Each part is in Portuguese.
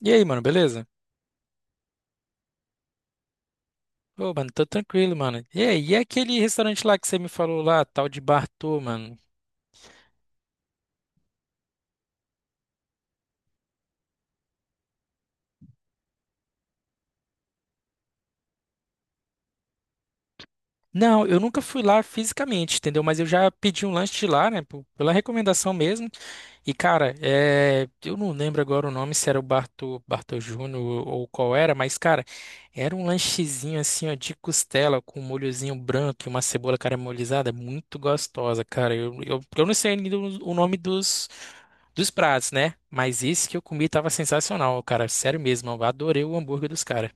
E aí, mano, beleza? Ô, mano, tô tranquilo, mano. E aí, e aquele restaurante lá que você me falou lá, tal de Bartô, mano? Não, eu nunca fui lá fisicamente, entendeu? Mas eu já pedi um lanche de lá, né? Pô, pela recomendação mesmo. E, cara, eu não lembro agora o nome, se era o Bartô, Bartô Júnior ou qual era, mas, cara, era um lanchezinho assim, ó, de costela com um molhozinho branco e uma cebola caramelizada, muito gostosa, cara. Eu não sei ainda o nome dos, dos pratos, né? Mas esse que eu comi tava sensacional, cara. Sério mesmo, eu adorei o hambúrguer dos caras.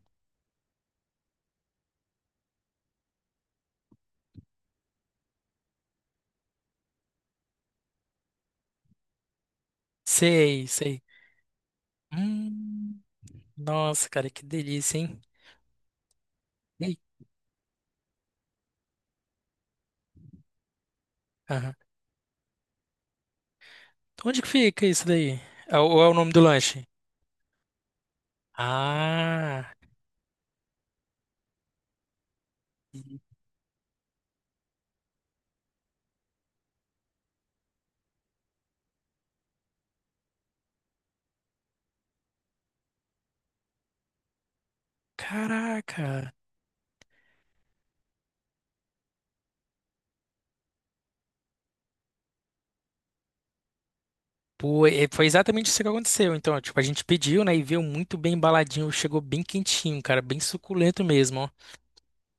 Sei, sei. Hum. Nossa, cara, que delícia, hein? E aí? Aham. Então, onde que fica isso daí? É o- ou é o nome do lanche? Ah, caraca. Pô, e foi exatamente isso que aconteceu. Então, tipo, a gente pediu, né, e veio muito bem embaladinho, chegou bem quentinho, cara, bem suculento mesmo.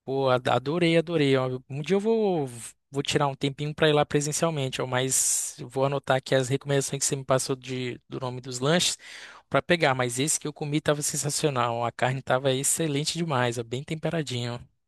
Pô, ad- adorei, adorei, ó. Um dia eu vou, vou tirar um tempinho para ir lá presencialmente, ó, mas eu vou anotar aqui as recomendações que você me passou de, do nome dos lanches para pegar. Mas esse que eu comi estava sensacional, ó. A carne estava excelente demais, ó, bem temperadinho, ó.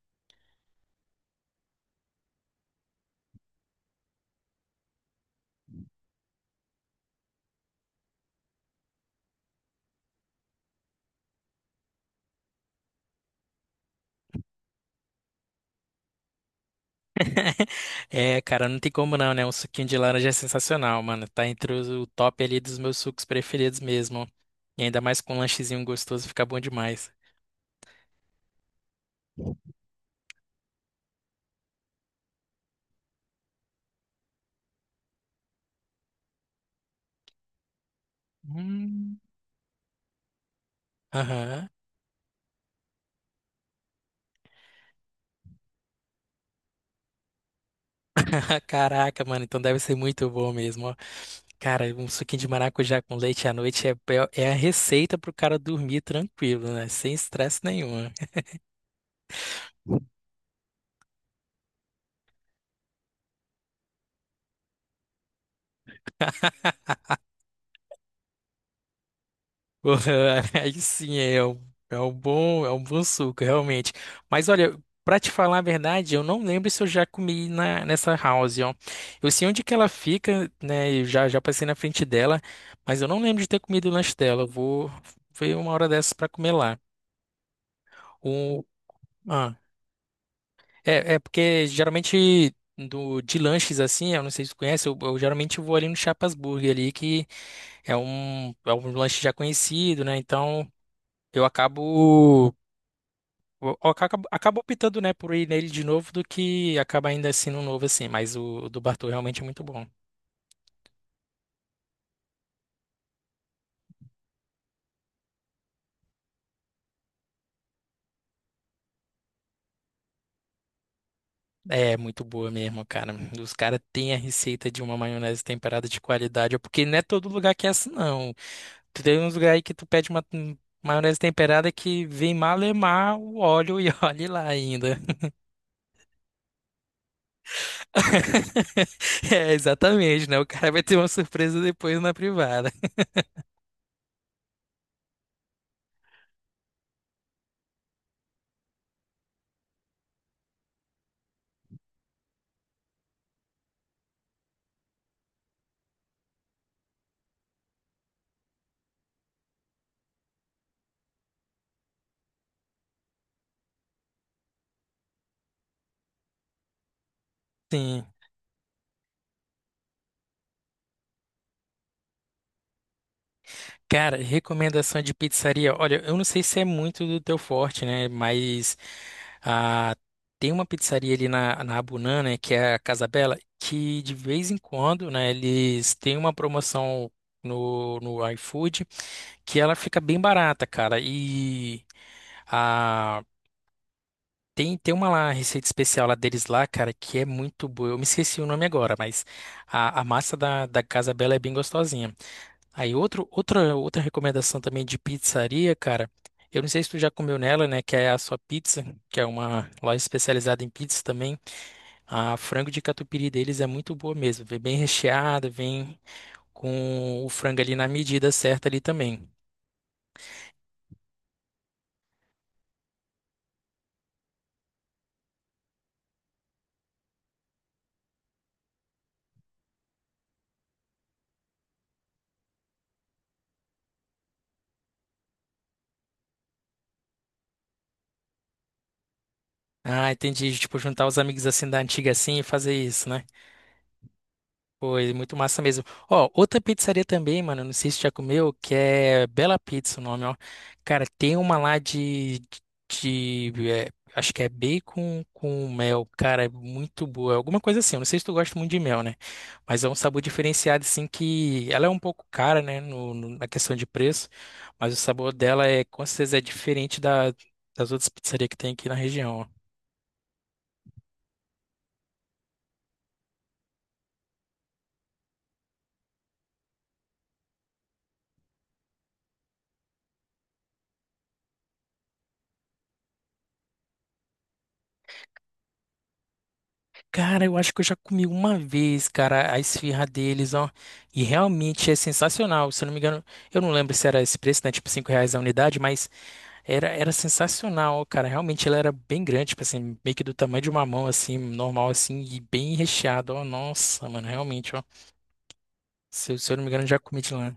É, cara, não tem como não, né? Um suquinho de laranja é sensacional, mano. Tá entre os- o top ali dos meus sucos preferidos mesmo. E ainda mais com um lanchezinho gostoso, fica bom demais. Hum. Aham. Caraca, mano, então deve ser muito bom mesmo, ó. Cara, um suquinho de maracujá com leite à noite é é a receita pro cara dormir tranquilo, né? Sem estresse nenhum. Aí sim, é um, é um bom suco, realmente. Mas olha, pra te falar a verdade, eu não lembro se eu já comi na, nessa house, ó. Eu sei onde que ela fica, né? Eu já, já passei na frente dela, mas eu não lembro de ter comido o lanche dela. Eu vou ver uma hora dessas pra comer lá. O ah, é, é porque geralmente do, de lanches assim, eu não sei se tu conhece, eu geralmente vou ali no Chapas Burger ali, que é um lanche já conhecido, né? Então eu acabo. O- acaba optando, né, por ir nele de novo do que acaba ainda assim no novo, assim. Mas o do Bartô realmente é muito bom. É muito boa mesmo, cara. Os caras têm a receita de uma maionese temperada de qualidade. É porque não é todo lugar que é assim, não. Tu tem uns lugares aí que tu pede uma maionese temperada que vem malemar o óleo e olhe lá ainda. É, exatamente, né? O cara vai ter uma surpresa depois na privada. Sim. Cara, recomendação de pizzaria. Olha, eu não sei se é muito do teu forte, né? Mas ah, tem uma pizzaria ali na, na Abunã, né? Que é a Casa Bela, que de vez em quando, né? Eles têm uma promoção no, no iFood que ela fica bem barata, cara. E ah, tem, tem uma lá, receita especial lá deles lá, cara, que é muito boa. Eu me esqueci o nome agora, mas a massa da, da Casa Bela é bem gostosinha. Aí outro, outra, outra recomendação também de pizzaria, cara. Eu não sei se tu já comeu nela, né? Que é a sua pizza, que é uma loja especializada em pizza também. A frango de catupiry deles é muito boa mesmo. Vem bem recheada, vem com o frango ali na medida certa ali também. Ah, entendi. Tipo, juntar os amigos assim da antiga assim e fazer isso, né? Foi muito massa mesmo. Ó, outra pizzaria também, mano, não sei se já comeu, que é Bela Pizza o nome, ó. Cara, tem uma lá de, de, é, acho que é bacon com mel, cara, é muito boa. Alguma coisa assim, eu não sei se tu gosta muito de mel, né? Mas é um sabor diferenciado, assim, que ela é um pouco cara, né, no, no- na questão de preço, mas o sabor dela é, com certeza, é diferente da, das outras pizzarias que tem aqui na região, ó. Cara, eu acho que eu já comi uma vez, cara, a esfirra deles, ó. E realmente é sensacional. Se eu não me engano, eu não lembro se era esse preço, né? Tipo, 5 reais a unidade, mas era, era sensacional, cara. Realmente ela era bem grande, tipo assim, meio que do tamanho de uma mão, assim, normal, assim, e bem recheado, ó. Nossa, mano, realmente, ó. Se, eu se eu não me engano, eu já comi de lá.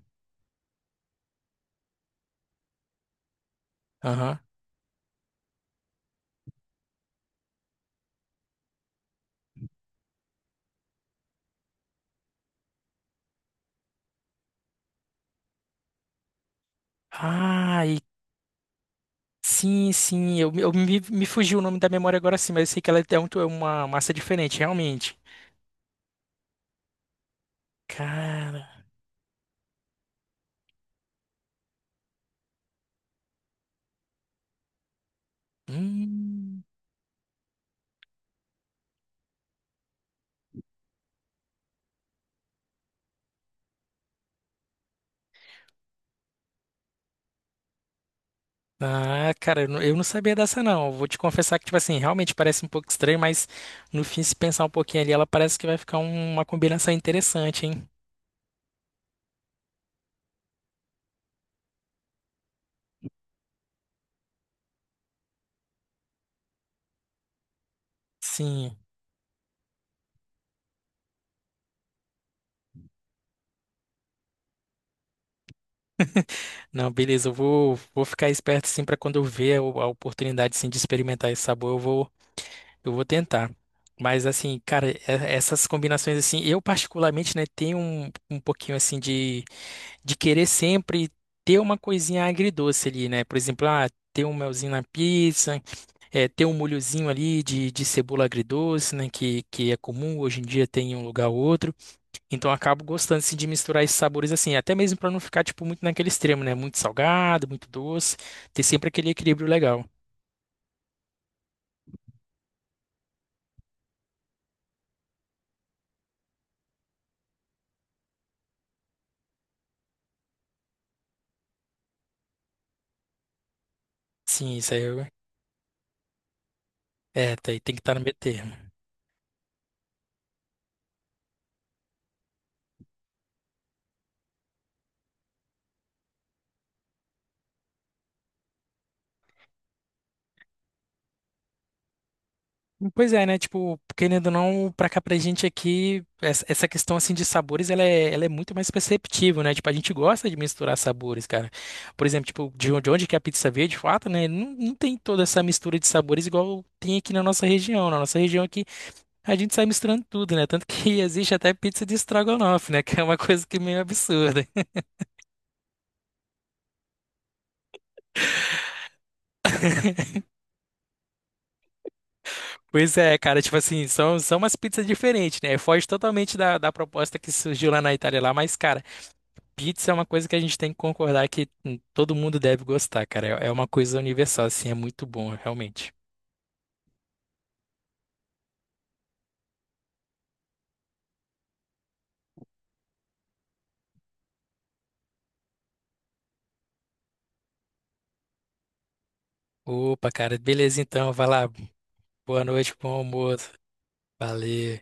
Aham. Ah, sim, sim, eu me, me fugiu o nome da memória agora sim, mas eu sei que ela é um- é uma massa diferente, realmente. Cara. Hum. Ah, cara, eu não sabia dessa não. Vou te confessar que, tipo assim, realmente parece um pouco estranho, mas no fim, se pensar um pouquinho ali, ela parece que vai ficar um- uma combinação interessante, hein? Sim. Não, beleza, eu vou, vou ficar esperto sim pra quando eu ver a oportunidade sim, de experimentar esse sabor, eu vou, eu vou tentar. Mas assim, cara, e- essas combinações assim, eu particularmente, né, tenho um, um pouquinho assim de querer sempre ter uma coisinha agridoce ali, né? Por exemplo, ah, ter um melzinho na pizza, é, ter um molhozinho ali de cebola agridoce, né, que é comum hoje em dia tem em um lugar ou outro. Então eu acabo gostando assim, de misturar esses sabores assim, até mesmo para não ficar tipo muito naquele extremo, né? Muito salgado, muito doce, ter sempre aquele equilíbrio legal. Sim, isso aí eu- é, tá aí, tem que estar no meio termo. Pois é, né? Tipo, querendo ou não, pra cá pra gente aqui, essa questão assim de sabores, ela é muito mais perceptível, né? Tipo, a gente gosta de misturar sabores, cara. Por exemplo, tipo, de onde que é a pizza veio, de fato, né? Não, não tem toda essa mistura de sabores igual tem aqui na nossa região. Na nossa região aqui, a gente sai misturando tudo, né? Tanto que existe até pizza de estrogonofe, né? Que é uma coisa que é meio absurda. Pois é, cara, tipo assim, são, são umas pizzas diferentes, né? Foge totalmente da, da proposta que surgiu lá na Itália lá, mas, cara. Pizza é uma coisa que a gente tem que concordar que todo mundo deve gostar, cara. É uma coisa universal, assim, é muito bom, realmente. Opa, cara, beleza então, vai lá. Boa noite, bom almoço. Valeu.